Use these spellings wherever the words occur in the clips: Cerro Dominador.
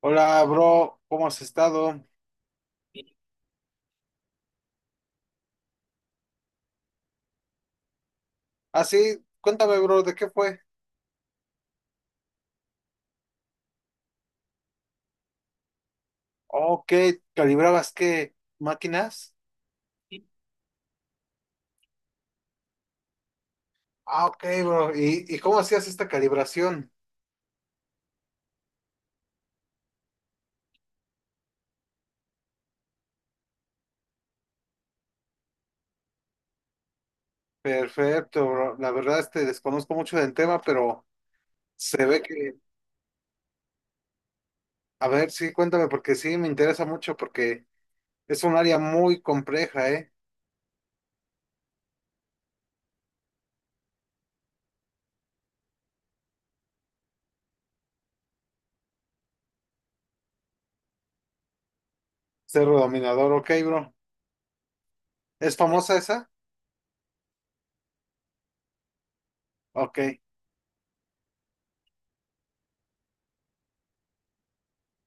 Hola, bro, ¿cómo has estado? Ah, sí, cuéntame, bro, ¿de qué fue? Ok, ¿calibrabas qué? ¿Máquinas? Ah, ok, bro, ¿y cómo hacías esta calibración? Perfecto, bro, la verdad es que desconozco mucho del tema, pero se ve que, a ver, sí, cuéntame, porque sí, me interesa mucho, porque es un área muy compleja, ¿eh? Cerro Dominador, ok, bro. ¿Es famosa esa? Ok,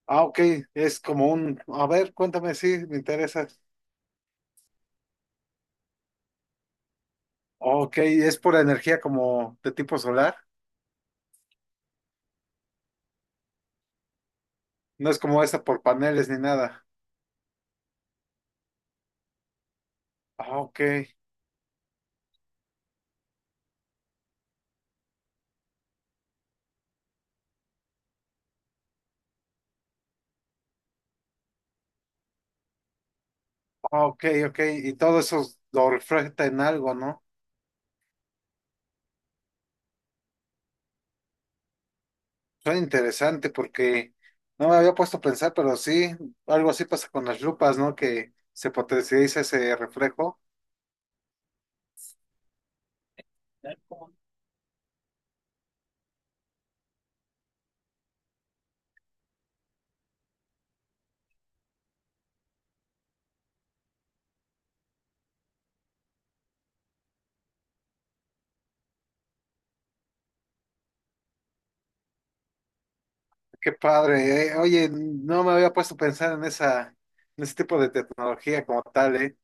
ah, ok, es como un, a ver, cuéntame, sí, me interesa. Ok, es pura energía como de tipo solar. No es como esa por paneles ni nada. Ah, ok, ah, ok, ok. Y todo eso lo refleja en algo, ¿no? Suena interesante porque no me había puesto a pensar, pero sí, algo así pasa con las lupas, ¿no? Que se potencializa ese reflejo. Qué padre. Oye, no me había puesto a pensar en esa, en ese tipo de tecnología como tal, ¿eh?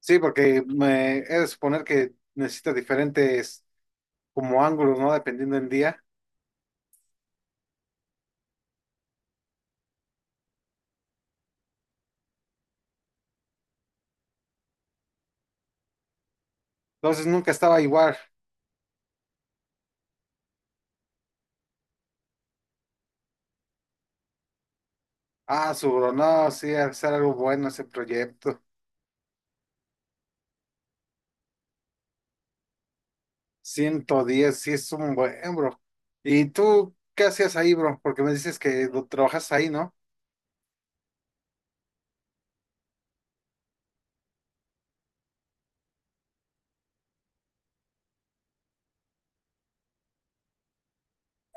Sí, porque me he de suponer que necesita diferentes como ángulos, ¿no? Dependiendo del día. Entonces nunca estaba igual. Ah, su bro, no, sí, hacer algo bueno ese proyecto. 110, sí es un buen, bro. ¿Y tú qué hacías ahí, bro? Porque me dices que lo trabajas ahí, ¿no?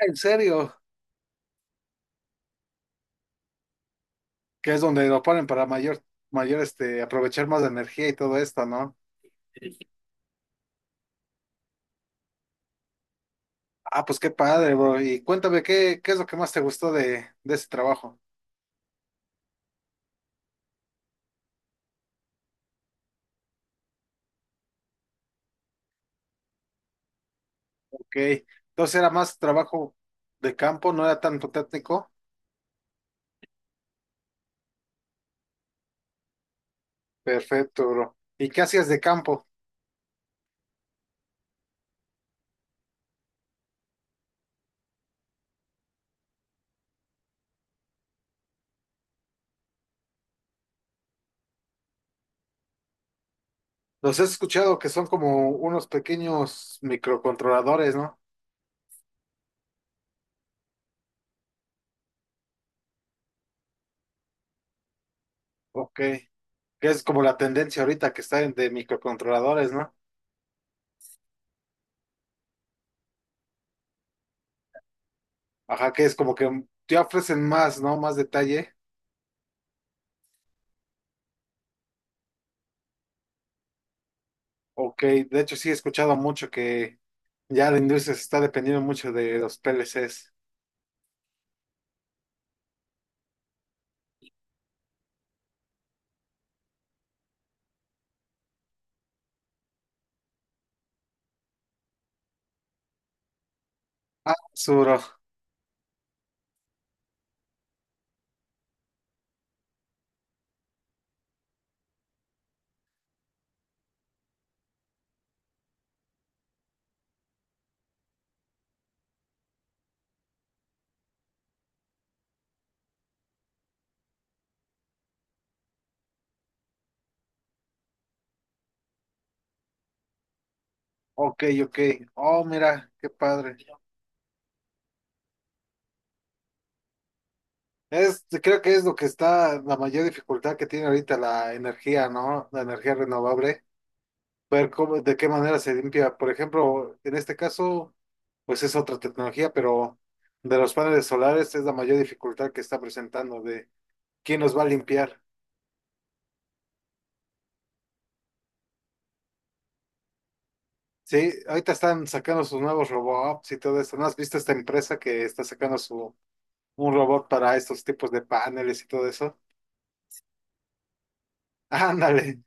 En serio, que es donde lo ponen para mayor, mayor, este, aprovechar más de energía y todo esto, ¿no? Ah, pues qué padre, bro. Y cuéntame, ¿qué es lo que más te gustó de ese trabajo? Ok, entonces era más trabajo de campo, no era tanto técnico. Perfecto, bro. ¿Y qué hacías de campo? Los he escuchado que son como unos pequeños microcontroladores, ¿no? Ok. Que es como la tendencia ahorita que de microcontroladores, ¿no? Ajá, que es como que te ofrecen más, ¿no? Más detalle. Ok, de hecho sí he escuchado mucho que ya la industria se está dependiendo mucho de los PLCs. Ah, Suro. Ok, ok. Oh, mira, qué padre. Es, creo que es lo que está la mayor dificultad que tiene ahorita la energía, ¿no? La energía renovable, ver cómo, de qué manera se limpia. Por ejemplo, en este caso, pues es otra tecnología, pero de los paneles solares es la mayor dificultad que está presentando de quién nos va a limpiar. Sí, ahorita están sacando sus nuevos robots y todo eso. ¿No has visto esta empresa que está sacando su un robot para estos tipos de paneles y todo eso? Ándale,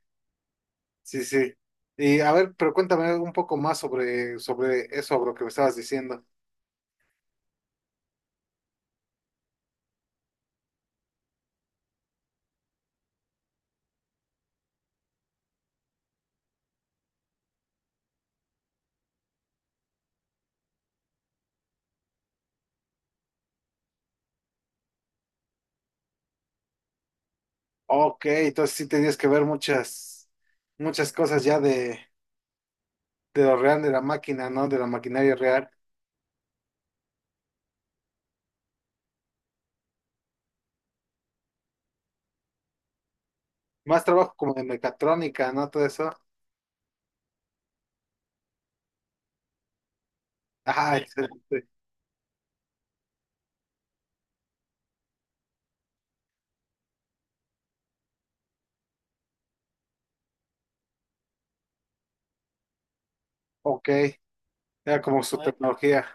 sí, sí. Y a ver, pero cuéntame un poco más sobre, sobre eso, bro, que me estabas diciendo. Ok, entonces sí tenías que ver muchas, muchas cosas ya de lo real, de la máquina, ¿no? De la maquinaria real. Más trabajo como de mecatrónica, ¿no? Todo eso. Ah, sí, excelente. Ok. Era como su no tecnología.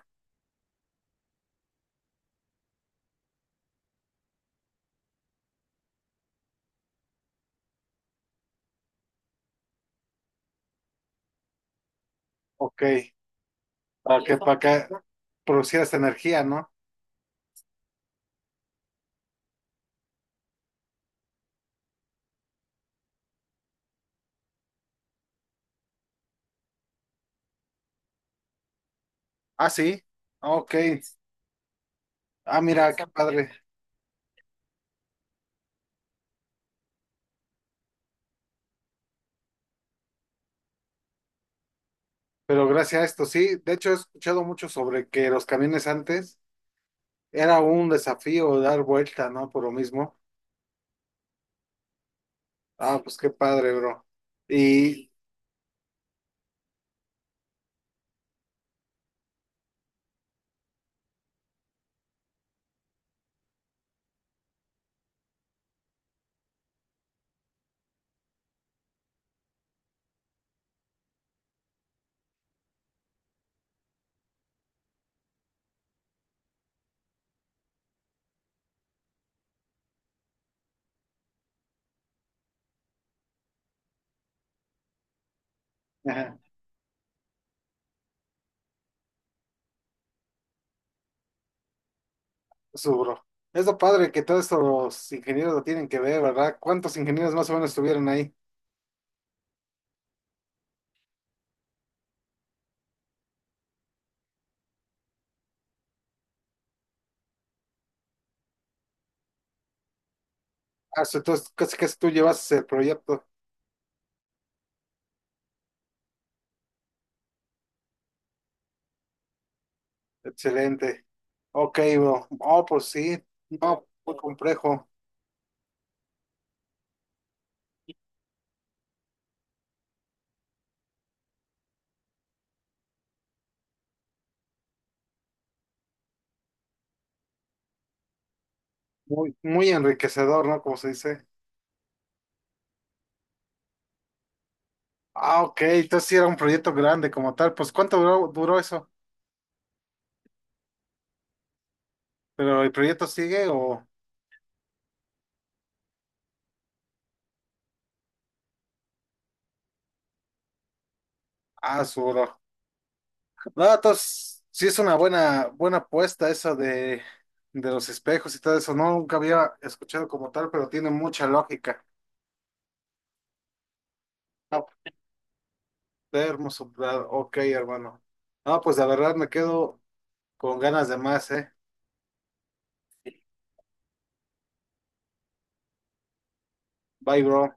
Ok. Para sí, que, para que producieras energía, ¿no? Ah, sí. Ok. Ah, mira, qué padre. Pero gracias a esto, sí. De hecho, he escuchado mucho sobre que los camiones antes era un desafío dar vuelta, ¿no? Por lo mismo. Ah, pues qué padre, bro. Y, eso, bro. Es lo padre que todos estos ingenieros lo tienen que ver, ¿verdad? ¿Cuántos ingenieros más o menos estuvieron ahí? Ah, so, entonces casi casi tú llevas el proyecto. Excelente. Ok, bro. Oh, pues sí. No, muy complejo. Muy, muy enriquecedor, ¿no? Como se dice. Ah, ok. Entonces sí era un proyecto grande como tal. Pues ¿cuánto duró, duró eso? ¿Pero el proyecto sigue o...? Ah, su bro. No, entonces, sí es una buena, buena apuesta esa de los espejos y todo eso. No, nunca había escuchado como tal, pero tiene mucha lógica. Ah, termo soplado. Ok, hermano. Ah, pues la verdad me quedo con ganas de más, ¿eh? Bye, bro.